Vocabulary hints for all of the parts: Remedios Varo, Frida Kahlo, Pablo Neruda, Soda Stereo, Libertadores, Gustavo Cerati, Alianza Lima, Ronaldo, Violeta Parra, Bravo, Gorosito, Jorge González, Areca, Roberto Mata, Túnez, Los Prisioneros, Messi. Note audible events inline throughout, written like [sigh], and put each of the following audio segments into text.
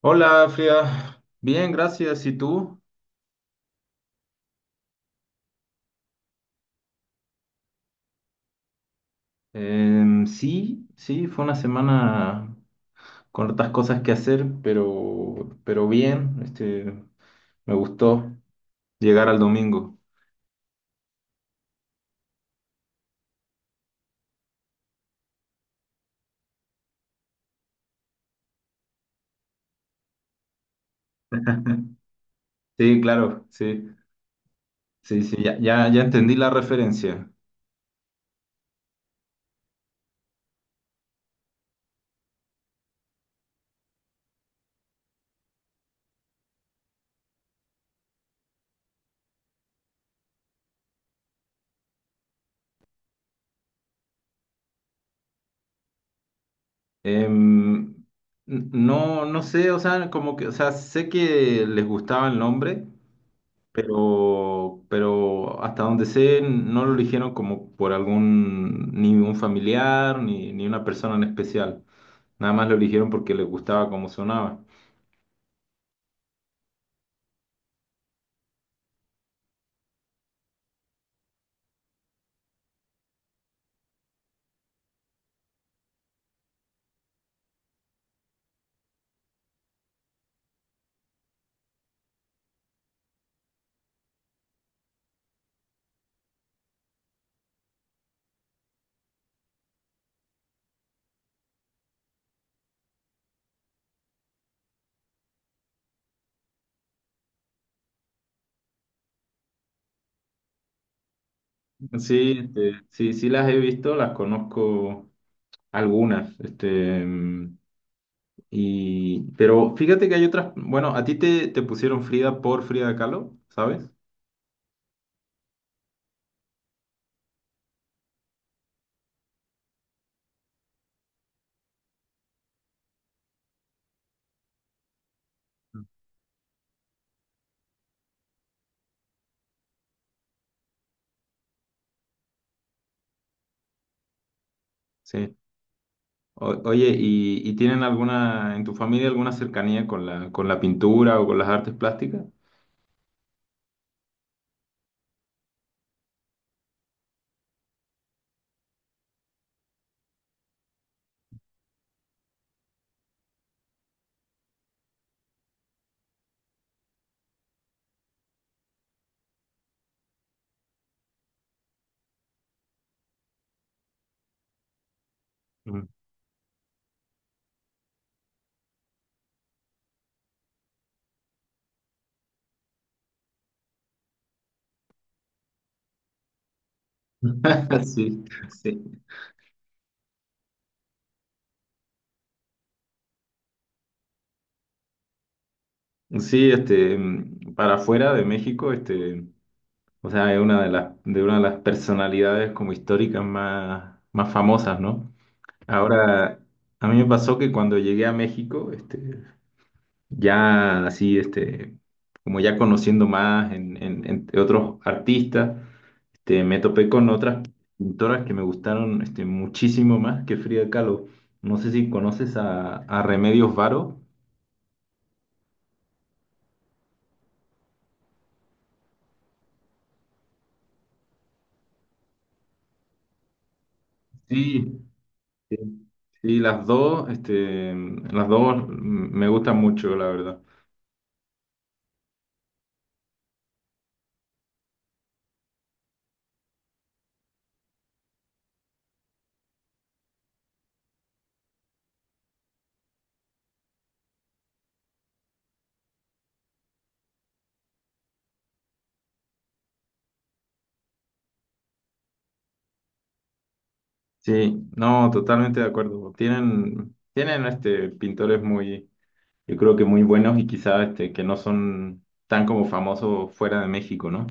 Hola, Frida. Bien, gracias. ¿Y tú? Sí, sí, fue una semana con otras cosas que hacer, pero bien. Me gustó llegar al domingo. [laughs] Sí, claro, sí, sí, sí, ya, ya, ya entendí la referencia. Em, no, no sé, o sea, o sea, sé que les gustaba el nombre, pero hasta donde sé, no lo eligieron como por algún, ni un familiar, ni una persona en especial. Nada más lo eligieron porque les gustaba cómo sonaba. Sí, sí, sí las he visto, las conozco algunas, pero fíjate que hay otras, bueno, a ti te pusieron Frida por Frida Kahlo, ¿sabes? Sí. Oye, y tienen alguna, en tu familia alguna cercanía con la pintura o con las artes plásticas? [laughs] Sí, sí. Sí, para afuera de México, o sea, es una de las, de una de las personalidades como históricas más, más famosas, ¿no? Ahora, a mí me pasó que cuando llegué a México, ya así, como ya conociendo más en, entre otros artistas, me topé con otras pintoras que me gustaron, muchísimo más que Frida Kahlo. No sé si conoces a Remedios Varo. Sí, sí, sí, las dos, las dos me gustan mucho, la verdad. Sí, no, totalmente de acuerdo. Tienen este, pintores muy, yo creo que muy buenos y quizás este, que no son tan como famosos fuera de México, ¿no?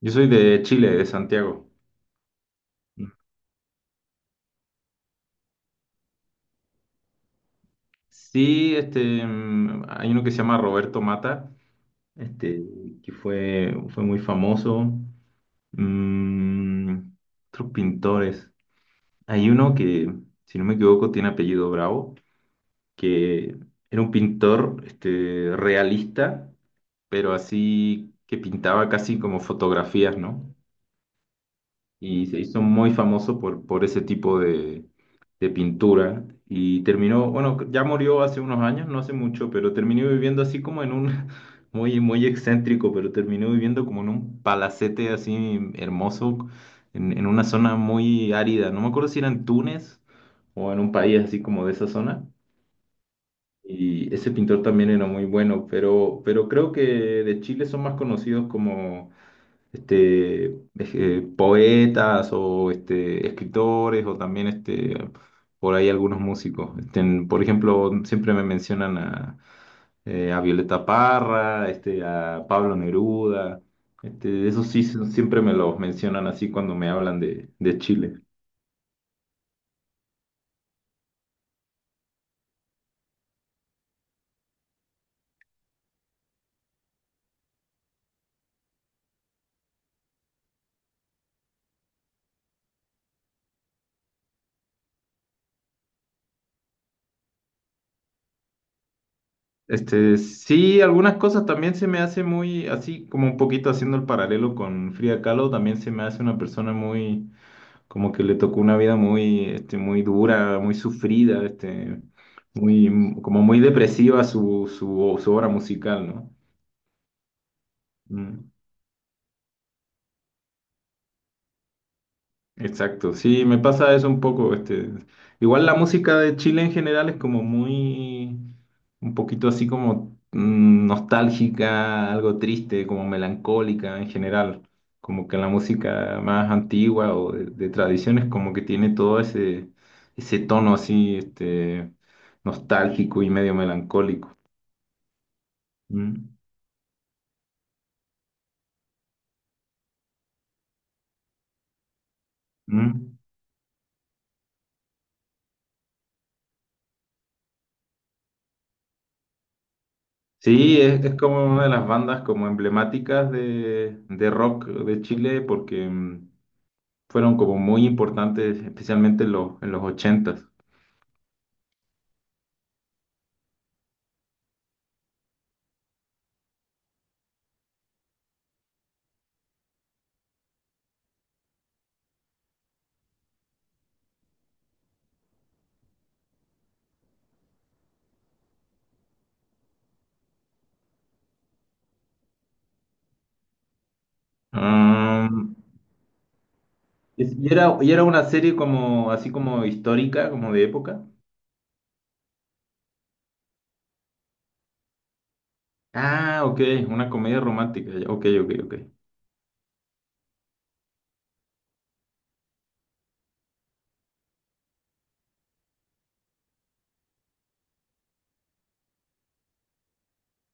Yo soy de Chile, de Santiago. Sí, hay uno que se llama Roberto Mata, este, que fue muy famoso. Mm, otros pintores. Hay uno que, si no me equivoco, tiene apellido Bravo, que era un pintor este, realista, pero así que pintaba casi como fotografías, ¿no? Y se hizo muy famoso por ese tipo de pintura y terminó, bueno, ya murió hace unos años, no hace mucho, pero terminó viviendo así como en un, [laughs] muy excéntrico, pero terminó viviendo como en un palacete así hermoso, en una zona muy árida, no me acuerdo si era en Túnez o en un país así como de esa zona. Y ese pintor también era muy bueno, pero creo que de Chile son más conocidos como este, poetas o este, escritores o también este, por ahí algunos músicos. Este, por ejemplo, siempre me mencionan a Violeta Parra, este, a Pablo Neruda. Este, esos sí siempre me los mencionan así cuando me hablan de Chile. Este, sí, algunas cosas también se me hace muy, así como un poquito haciendo el paralelo con Frida Kahlo, también se me hace una persona muy como que le tocó una vida muy, este, muy dura, muy sufrida, este, muy, como muy depresiva su, su, su obra musical, ¿no? Mm. Exacto, sí, me pasa eso un poco, este, igual la música de Chile en general es como muy, un poquito así como nostálgica, algo triste, como melancólica en general, como que la música más antigua o de tradiciones como que tiene todo ese, ese tono así, este, nostálgico y medio melancólico. Mm, mm. Sí, es como una de las bandas como emblemáticas de rock de Chile porque... mm, fueron como muy importantes, especialmente en los ochentas s y era una serie como, así como histórica, como de época. Ah, ok, una comedia romántica. Ya, ok, ok, ok.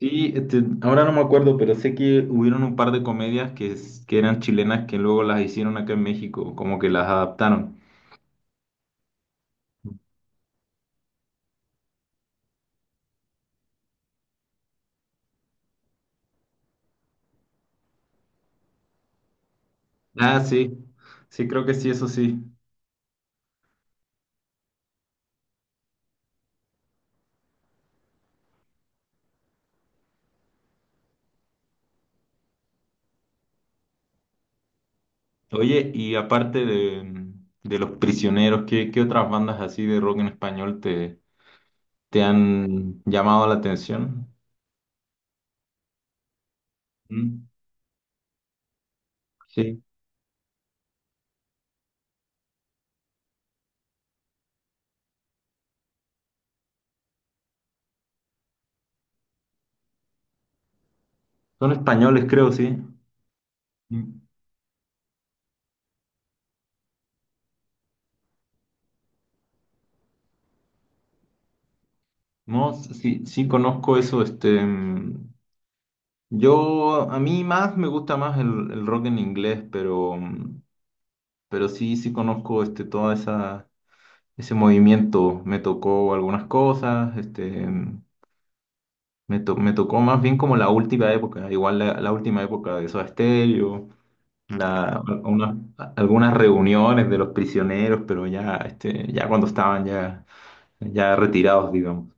Sí, este, ahora no me acuerdo, pero sé que hubieron un par de comedias que, que eran chilenas que luego las hicieron acá en México, como que las adaptaron. Ah, sí, sí, creo que sí, eso sí. Oye, y aparte de Los Prisioneros, ¿qué, qué otras bandas así de rock en español te ¿te han llamado la atención? Mm, sí. Son españoles, creo, sí. Mm. No, sí, sí conozco eso. Yo, a mí más me gusta más el rock en inglés, pero, mm, pero sí, sí conozco este, toda esa, ese movimiento. Me tocó algunas cosas, este, mm, me, me tocó más bien como la última época, igual la, la última época de Soda Stereo. la- una- algunas reuniones de los prisioneros, pero ya, este, ya cuando estaban ya, ya retirados, digamos.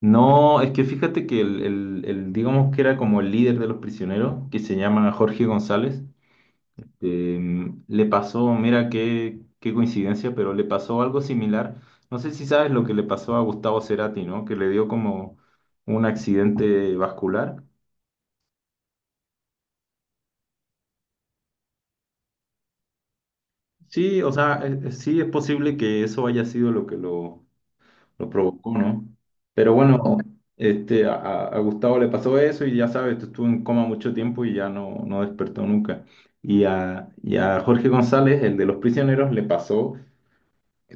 No, es que fíjate que el, el, digamos que era como el líder de los prisioneros, que se llama Jorge González, le pasó, mira qué, qué coincidencia, pero le pasó algo similar. No sé si sabes lo que le pasó a Gustavo Cerati, ¿no? Que le dio como un accidente vascular. Sí, o sea, sí es posible que eso haya sido lo que lo provocó, ¿no? Pero bueno, este, a Gustavo le pasó eso y ya sabes, estuvo en coma mucho tiempo y ya no, no despertó nunca. Y a Jorge González, el de Los Prisioneros, le pasó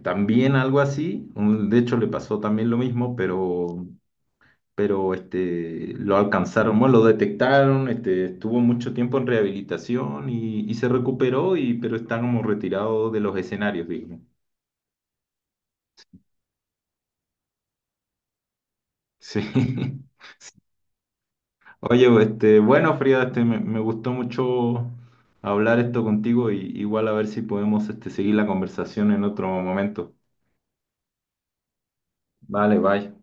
también algo así, de hecho le pasó también lo mismo, pero este, lo alcanzaron, bueno, lo detectaron, este, estuvo mucho tiempo en rehabilitación y se recuperó, y, pero está como retirado de los escenarios, digo. Sí, [laughs] oye, pues, este, bueno, Frida, este, me gustó mucho hablar esto contigo y igual a ver si podemos este, seguir la conversación en otro momento. Vale, bye.